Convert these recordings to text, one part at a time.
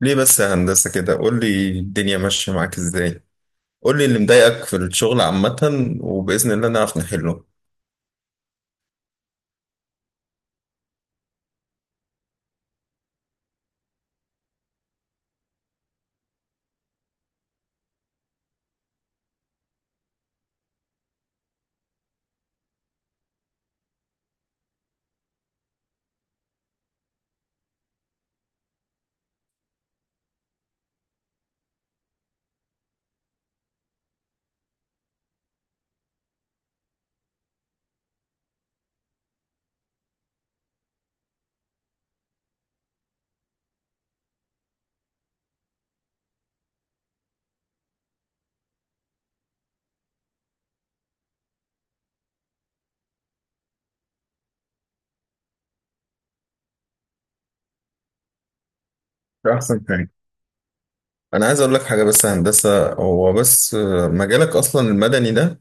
ليه بس يا هندسة كده؟ قول لي الدنيا ماشية معاك ازاي، قول لي اللي مضايقك في الشغل عامة، وبإذن الله نعرف نحله. ده أحسن حاجة. أنا عايز أقول لك حاجة بس يا هندسة، هو بس مجالك أصلا المدني ده،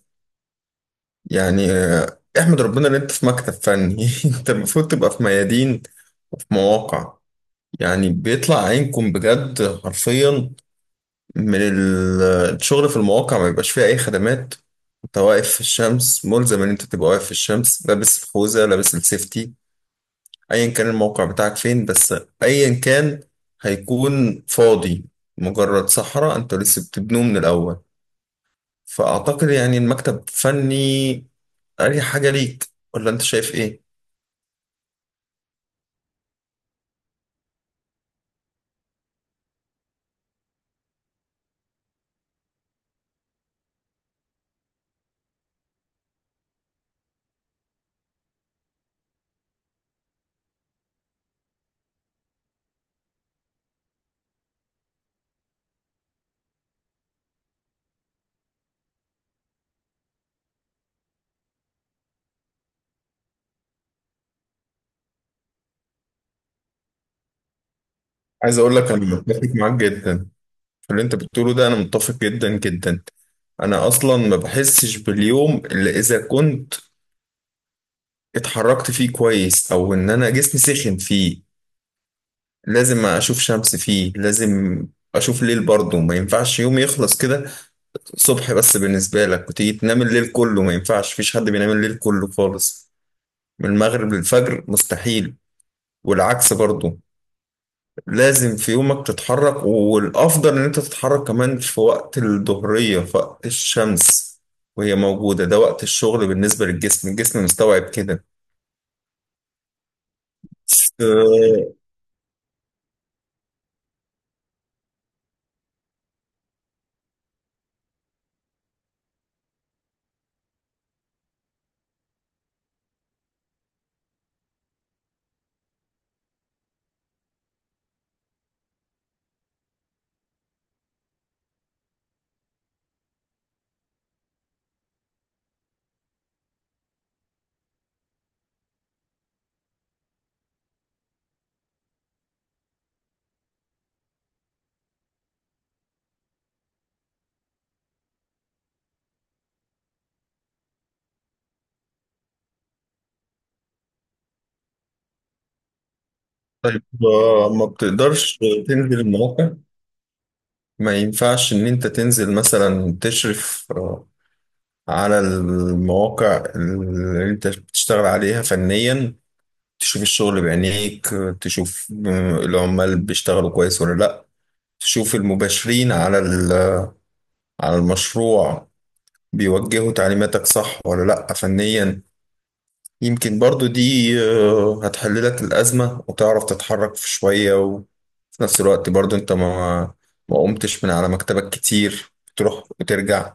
يعني احمد ربنا إن أنت في مكتب فني. أنت المفروض تبقى في ميادين وفي مواقع، يعني بيطلع عينكم بجد حرفيا. من ال- الشغل في المواقع ما بيبقاش فيه أي خدمات، انت واقف في الشمس، ملزم ان انت تبقى واقف في الشمس لابس الخوذة لابس السيفتي، ايا كان الموقع بتاعك فين، بس ايا كان هيكون فاضي، مجرد صحراء انتوا لسه بتبنوه من الاول. فاعتقد يعني المكتب فني اريح حاجه ليك، ولا انت شايف ايه؟ عايز اقول لك انا متفق معاك جدا في اللي انت بتقوله ده، انا متفق جدا جدا. انا اصلا ما بحسش باليوم الا اذا كنت اتحركت فيه كويس، او ان انا جسمي سخن فيه، لازم اشوف شمس فيه، لازم اشوف ليل برضه، ما ينفعش يوم يخلص كده الصبح بس بالنسبة لك وتيجي تنام الليل كله، ما ينفعش، مفيش حد بينام الليل كله خالص من المغرب للفجر، مستحيل، والعكس برضو. لازم في يومك تتحرك، والأفضل إن أنت تتحرك كمان في وقت الظهرية، في وقت الشمس وهي موجودة، ده وقت الشغل بالنسبة للجسم، الجسم مستوعب كده. آه، طيب، ما بتقدرش تنزل المواقع؟ ما ينفعش إن أنت تنزل مثلا تشرف على المواقع اللي انت بتشتغل عليها فنيا، تشوف الشغل بعينيك، تشوف العمال بيشتغلوا كويس ولا لا، تشوف المباشرين على المشروع بيوجهوا تعليماتك صح ولا لا فنيا. يمكن برضو دي هتحل لك الأزمة وتعرف تتحرك في شوية، وفي نفس الوقت برضو انت ما قمتش من على مكتبك كتير، تروح وترجع.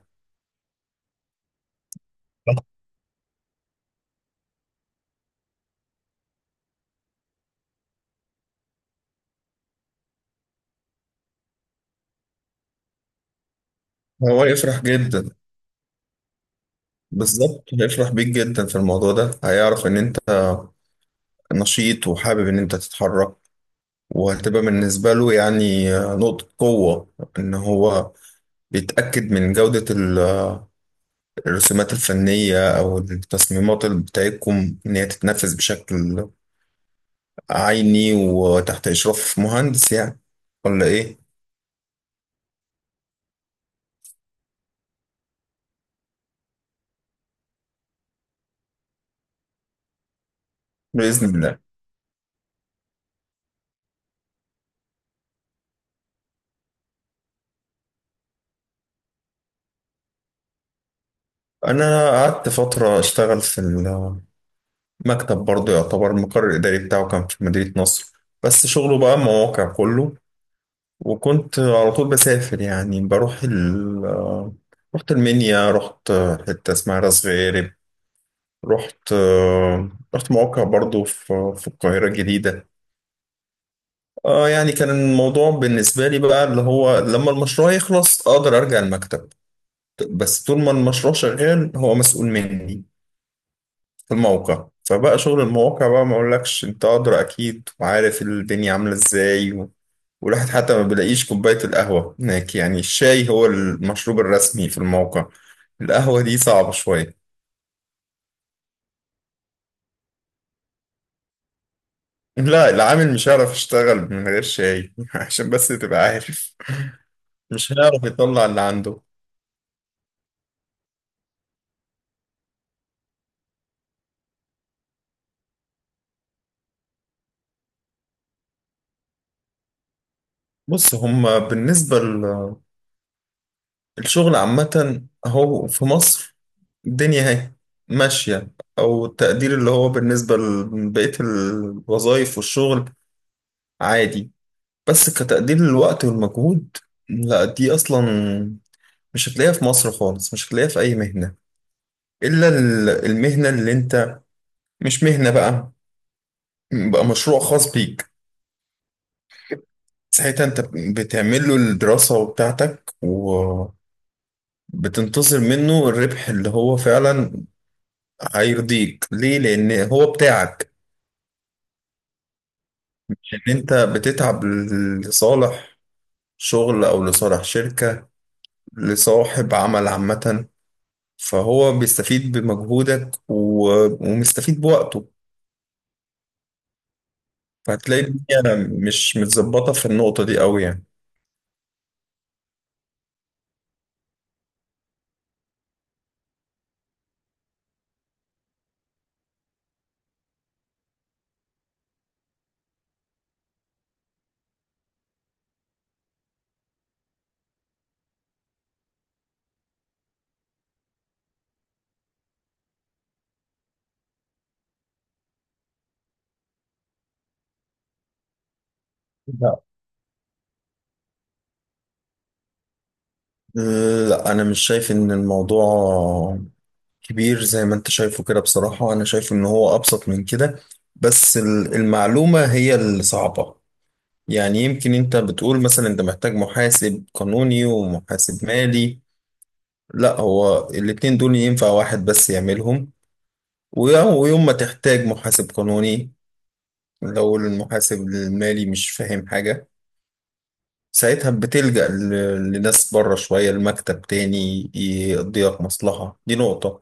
هو يفرح جدا، بالظبط هيفرح بيك جدا في الموضوع ده، هيعرف ان انت نشيط وحابب ان انت تتحرك، وهتبقى بالنسبة له يعني نقطة قوة، ان هو بيتأكد من جودة الرسومات الفنية او التصميمات اللي بتاعتكم ان هي تتنفذ بشكل عيني وتحت اشراف مهندس يعني، ولا ايه؟ بإذن الله. انا قعدت فترة اشتغل في مكتب برضه، يعتبر المقر الإداري بتاعه كان في مدينة نصر، بس شغله بقى مواقع كله، وكنت على طول بسافر، يعني بروح ال آه، رحت المنيا، رحت حتة اسمها راس غارب، رحت آه، رحت مواقع برضه في القاهرة الجديدة. اه يعني كان الموضوع بالنسبة لي بقى اللي هو لما المشروع يخلص أقدر أرجع المكتب، بس طول ما المشروع شغال هو مسؤول مني في الموقع. فبقى شغل المواقع بقى ما اقولكش، انت ادرى اكيد وعارف الدنيا عامله ازاي و... والواحد حتى ما بيلاقيش كوبايه القهوه هناك، يعني الشاي هو المشروب الرسمي في الموقع، القهوه دي صعبه شويه. لا، العامل مش هيعرف يشتغل من غير شاي عشان بس تبقى عارف، مش هيعرف يطلع اللي عنده. بص هما بالنسبه، الشغل عامة هو في مصر الدنيا اهي ماشية، أو التقدير اللي هو بالنسبة لبقية الوظائف والشغل عادي، بس كتقدير للوقت والمجهود لا، دي أصلا مش هتلاقيها في مصر خالص، مش هتلاقيها في أي مهنة، إلا المهنة اللي أنت، مش مهنة بقى، بقى مشروع خاص بيك، ساعتها أنت بتعمل له الدراسة بتاعتك، وبتنتظر منه الربح اللي هو فعلا هيرضيك، ليه؟ لان هو بتاعك، ان انت بتتعب لصالح شغل او لصالح شركة، لصاحب عمل عامة، فهو بيستفيد بمجهودك ومستفيد بوقته، فهتلاقي الدنيا مش متظبطة في النقطة دي قوي يعني. لا لا انا مش شايف ان الموضوع كبير زي ما انت شايفه كده، بصراحة انا شايف ان هو ابسط من كده، بس المعلومة هي الصعبة. يعني يمكن انت بتقول مثلا انت محتاج محاسب قانوني ومحاسب مالي، لا هو الاتنين دول ينفع واحد بس يعملهم، ويوم ما تحتاج محاسب قانوني لو المحاسب المالي مش فاهم حاجة، ساعتها بتلجأ لناس بره شوية المكتب تاني يقضي لك مصلحة، دي نقطة.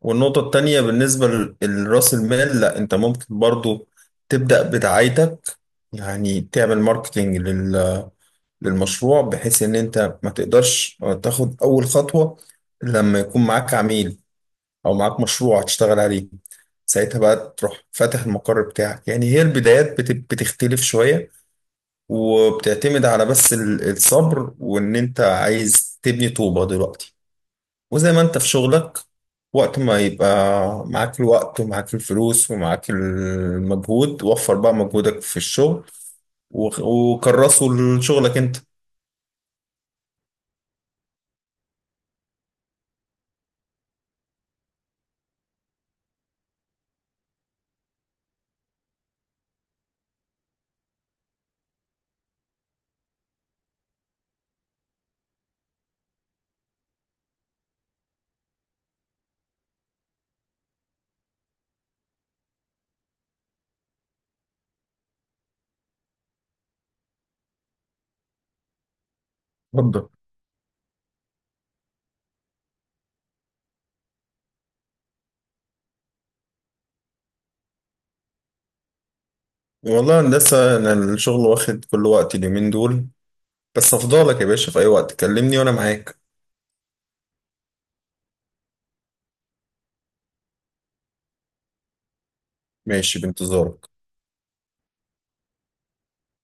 والنقطة التانية بالنسبة لرأس المال، لا انت ممكن برضو تبدأ بدعايتك، يعني تعمل ماركتينج للمشروع، بحيث ان انت ما تقدرش تاخد اول خطوة لما يكون معاك عميل او معاك مشروع تشتغل عليه، ساعتها بقى تروح فاتح المقر بتاعك. يعني هي البدايات بتختلف شوية، وبتعتمد على بس الصبر وان انت عايز تبني طوبة دلوقتي، وزي ما انت في شغلك وقت ما يبقى معاك الوقت ومعاك الفلوس ومعاك المجهود، وفر بقى مجهودك في الشغل وكرسه لشغلك انت. اتفضل. والله هندسة أنا الشغل واخد كل وقتي اليومين دول، بس أفضلك يا باشا، في أي وقت كلمني وأنا معاك. ماشي، بانتظارك.